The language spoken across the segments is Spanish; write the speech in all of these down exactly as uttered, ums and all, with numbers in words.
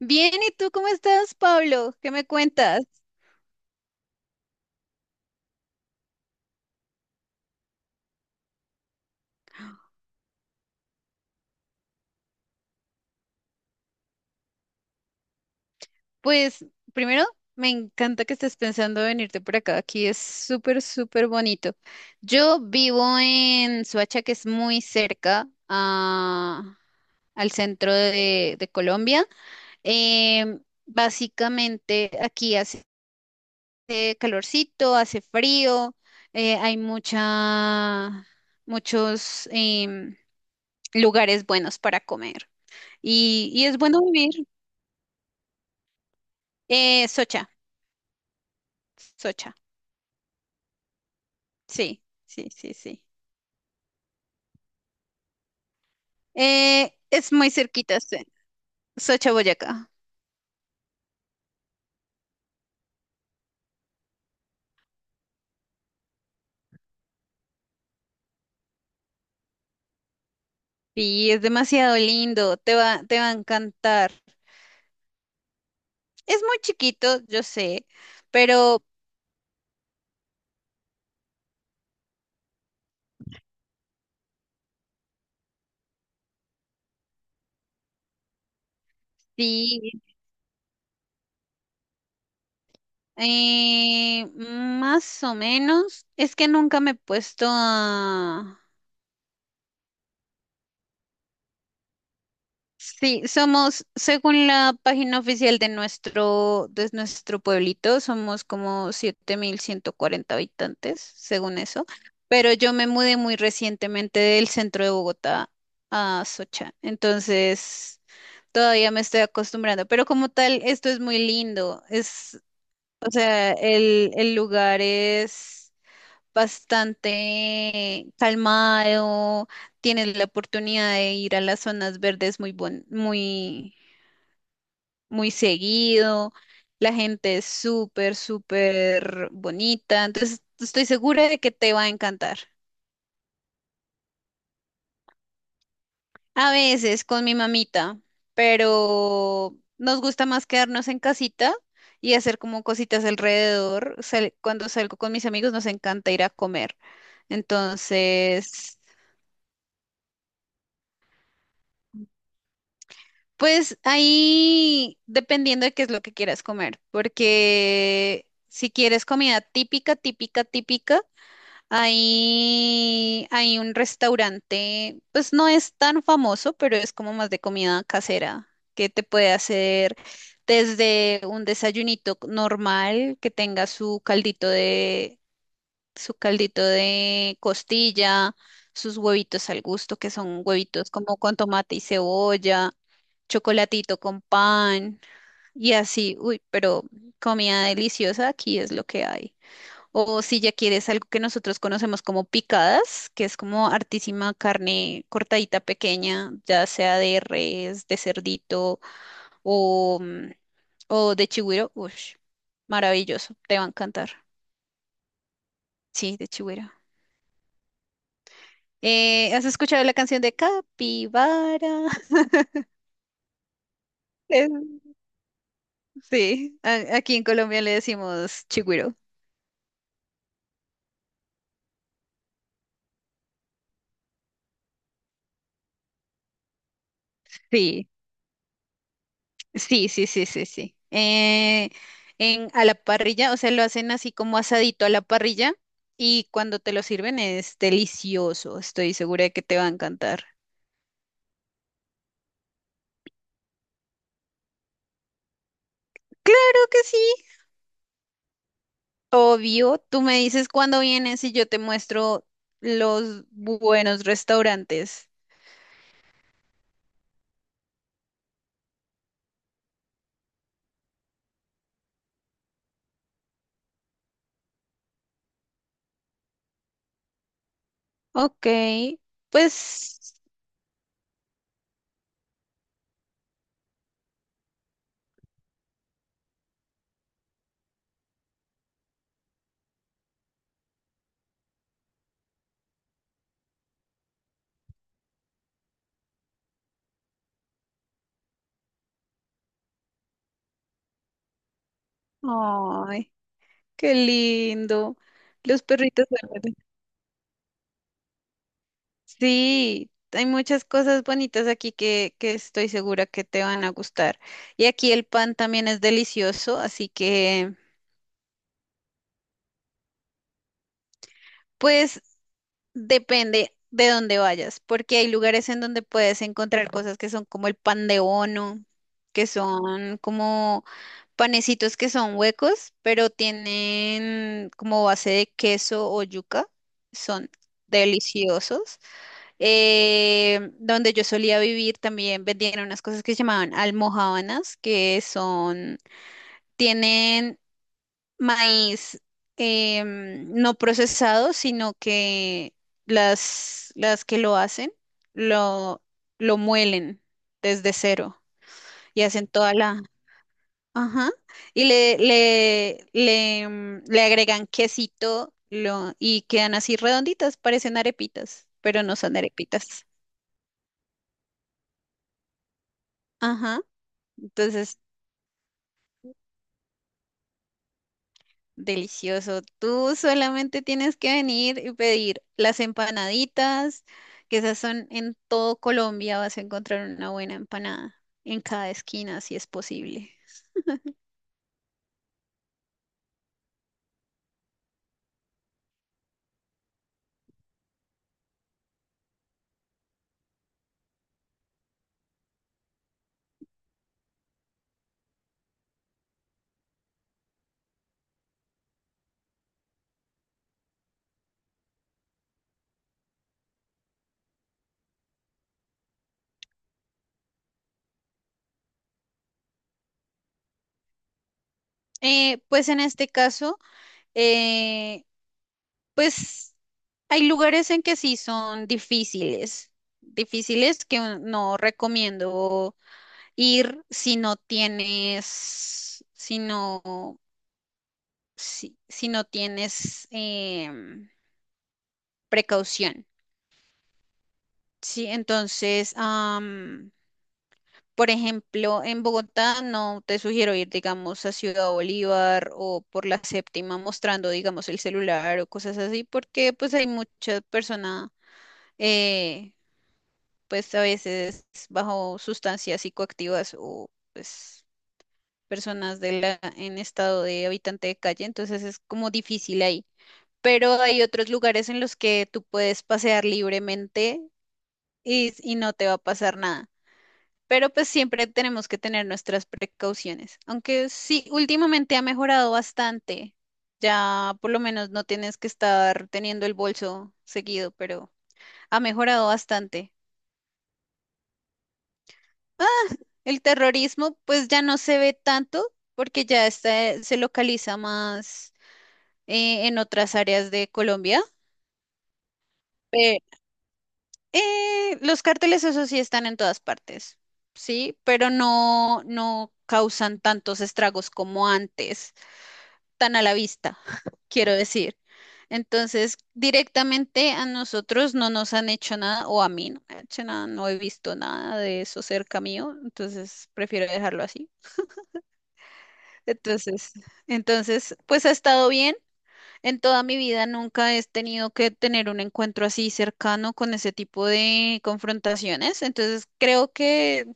Bien, ¿y tú cómo estás, Pablo? ¿Qué me cuentas? Pues primero, me encanta que estés pensando venirte por acá. Aquí es súper, súper bonito. Yo vivo en Suacha, que es muy cerca a- al centro de, de Colombia. Em, básicamente, aquí hace calorcito, hace frío, eh, hay mucha, muchos em, lugares buenos para comer y, y es bueno vivir. Eh, Socha, Socha, sí, sí, sí, sí. Eh, es muy cerquita, sí, Socha, Boyacá. Sí, es demasiado lindo, te va, te va a encantar. Es muy chiquito, yo sé, pero sí, eh, más o menos, es que nunca me he puesto a. Sí, somos, según la página oficial de nuestro, de nuestro pueblito, somos como siete mil ciento cuarenta habitantes, según eso. Pero yo me mudé muy recientemente del centro de Bogotá a Socha, entonces todavía me estoy acostumbrando. Pero como tal, esto es muy lindo. Es, o sea, el, el lugar es bastante calmado, tienes la oportunidad de ir a las zonas verdes muy buen- muy muy seguido, la gente es súper, súper bonita, entonces estoy segura de que te va a encantar. A veces con mi mamita, pero nos gusta más quedarnos en casita y hacer como cositas alrededor. Sal- cuando salgo con mis amigos nos encanta ir a comer. Entonces, pues ahí dependiendo de qué es lo que quieras comer, porque si quieres comida típica, típica, típica, ahí hay un restaurante, pues no es tan famoso, pero es como más de comida casera, que te puede hacer desde un desayunito normal que tenga su caldito de, su caldito de costilla, sus huevitos al gusto, que son huevitos como con tomate y cebolla, chocolatito con pan y así, uy, pero comida deliciosa aquí es lo que hay. O si ya quieres algo que nosotros conocemos como picadas, que es como artísima carne cortadita pequeña, ya sea de res, de cerdito o, mm, o de chigüiro, uy, maravilloso, te va a encantar. Sí, de chigüiro. Eh, ¿has escuchado la canción de Capibara? Es- sí, a- aquí en Colombia le decimos chigüiro. Sí, sí, sí, sí, sí, sí. Eh, en, a la parrilla, o sea, lo hacen así como asadito a la parrilla y cuando te lo sirven es delicioso. Estoy segura de que te va a encantar. Claro que sí. Obvio, tú me dices cuándo vienes y yo te muestro los buenos restaurantes. Ok, pues. Ay. Qué lindo. Los perritos duermen. Sí, hay muchas cosas bonitas aquí que, que estoy segura que te van a gustar. Y aquí el pan también es delicioso, así que pues depende de dónde vayas, porque hay lugares en donde puedes encontrar cosas que son como el pan de bono, que son como panecitos que son huecos, pero tienen como base de queso o yuca. Son deliciosos. Eh, donde yo solía vivir también vendían unas cosas que se llamaban almojábanas, que son, tienen maíz em, no procesado, sino que las, las que lo hacen lo, lo muelen desde cero y hacen toda la. Ajá. Y le, le, le, em, le agregan quesito lo, y quedan así redonditas, parecen arepitas, pero no son arepitas. Ajá. Entonces, delicioso. Tú solamente tienes que venir y pedir las empanaditas, que esas son en todo Colombia, vas a encontrar una buena empanada en cada esquina, si es posible. Eh, pues en este caso, eh, pues hay lugares en que sí son difíciles, difíciles que un- no recomiendo ir si no tienes, si no, si, si no tienes em, precaución. Sí, entonces, am, por ejemplo, en Bogotá no te sugiero ir, digamos, a Ciudad Bolívar o por la séptima mostrando, digamos, el celular o cosas así, porque pues hay muchas personas, eh, pues a veces bajo sustancias psicoactivas o pues personas de la, en estado de habitante de calle, entonces es como difícil ahí. Pero hay otros lugares en los que tú puedes pasear libremente y, y no te va a pasar nada. Pero pues siempre tenemos que tener nuestras precauciones. Aunque sí, últimamente ha mejorado bastante. Ya por lo menos no tienes que estar teniendo el bolso seguido, pero ha mejorado bastante. Ah, el terrorismo pues ya no se ve tanto porque ya está, eh, se localiza más eh, en otras áreas de Colombia. Pe- eh, los cárteles, eso sí, están en todas partes, sí, pero no, no causan tantos estragos como antes, tan a la vista, quiero decir. Entonces, directamente a nosotros no nos han hecho nada, o a mí no me han hecho nada, no he visto nada de eso cerca mío, entonces prefiero dejarlo así. Entonces, entonces, pues ha estado bien. En toda mi vida nunca he tenido que tener un encuentro así cercano con ese tipo de confrontaciones. Entonces, creo que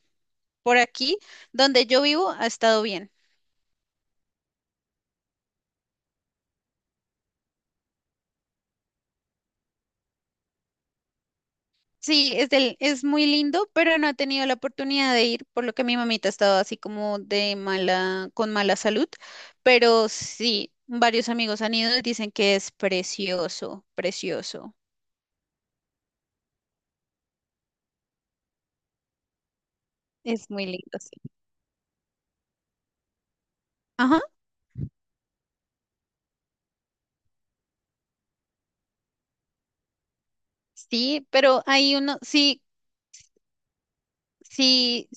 por aquí, donde yo vivo, ha estado bien. Sí, es, del, es muy lindo, pero no he tenido la oportunidad de ir, por lo que mi mamita estaba así como de mala, con mala salud, pero sí, varios amigos han ido y dicen que es precioso, precioso. Es muy lindo, sí. Ajá, sí, pero hay uno, sí, sí,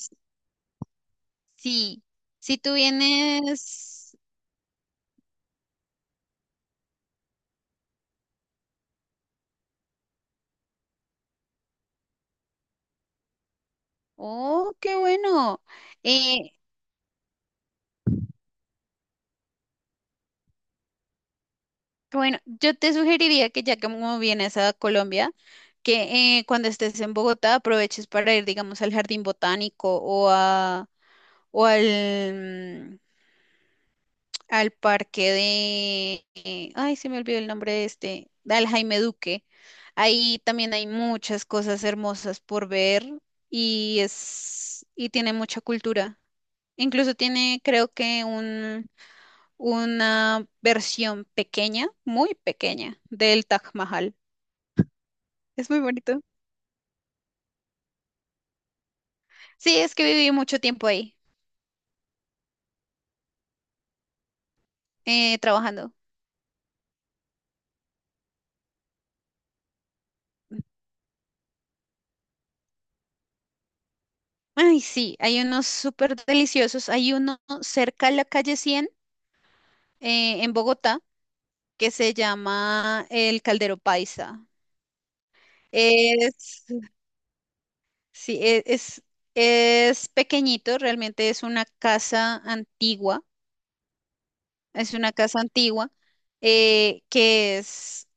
sí, si tú vienes, oh, qué bueno. Eh, Bueno, yo te sugeriría que ya que como vienes a Colombia, que eh, cuando estés en Bogotá aproveches para ir, digamos, al jardín botánico o a o al, mm, al parque de, eh, ay, se me olvidó el nombre de este, al Jaime Duque. Ahí también hay muchas cosas hermosas por ver y es y tiene mucha cultura. Incluso tiene, creo que un una versión pequeña, muy pequeña, del Taj Mahal. Es muy bonito. Sí, es que viví mucho tiempo ahí, eh, trabajando. Ay, sí, hay unos súper deliciosos. Hay uno cerca a la calle cien eh, en Bogotá, que se llama el Caldero Paisa. Es, sí, e- es, es pequeñito, realmente es una casa antigua. Es una casa antigua eh, que es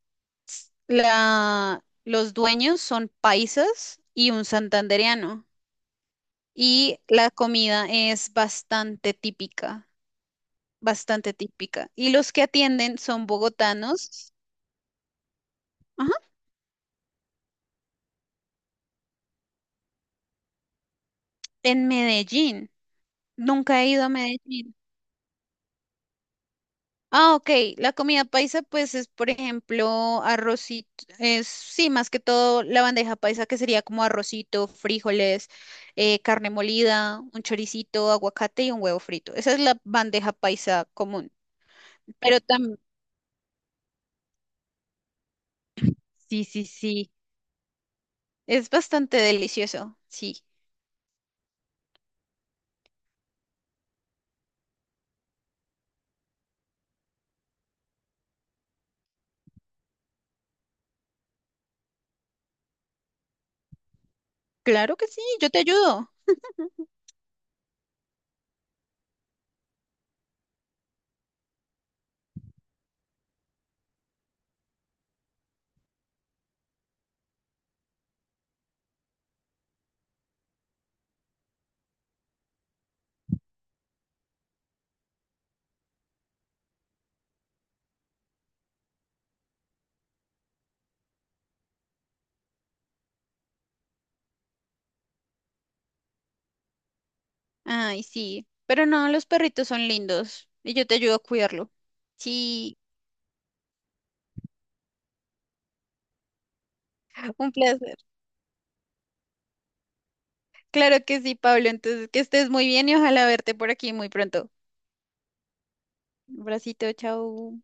la, los dueños son paisas y un santandereano. Y la comida es bastante típica, bastante típica. Y los que atienden son bogotanos, ajá, en Medellín. Nunca he ido a Medellín. Ah, ok. La comida paisa, pues es, por ejemplo, arrocito, es, sí, más que todo la bandeja paisa, que sería como arrocito, frijoles, eh, carne molida, un choricito, aguacate y un huevo frito. Esa es la bandeja paisa común. Pero también, sí, sí, sí. Es bastante delicioso, sí. Claro que sí, yo te ayudo. Ay, sí, pero no, los perritos son lindos y yo te ayudo a cuidarlo. Sí, un placer. Claro que sí, Pablo. Entonces, que estés muy bien y ojalá verte por aquí muy pronto. Un bracito, chao.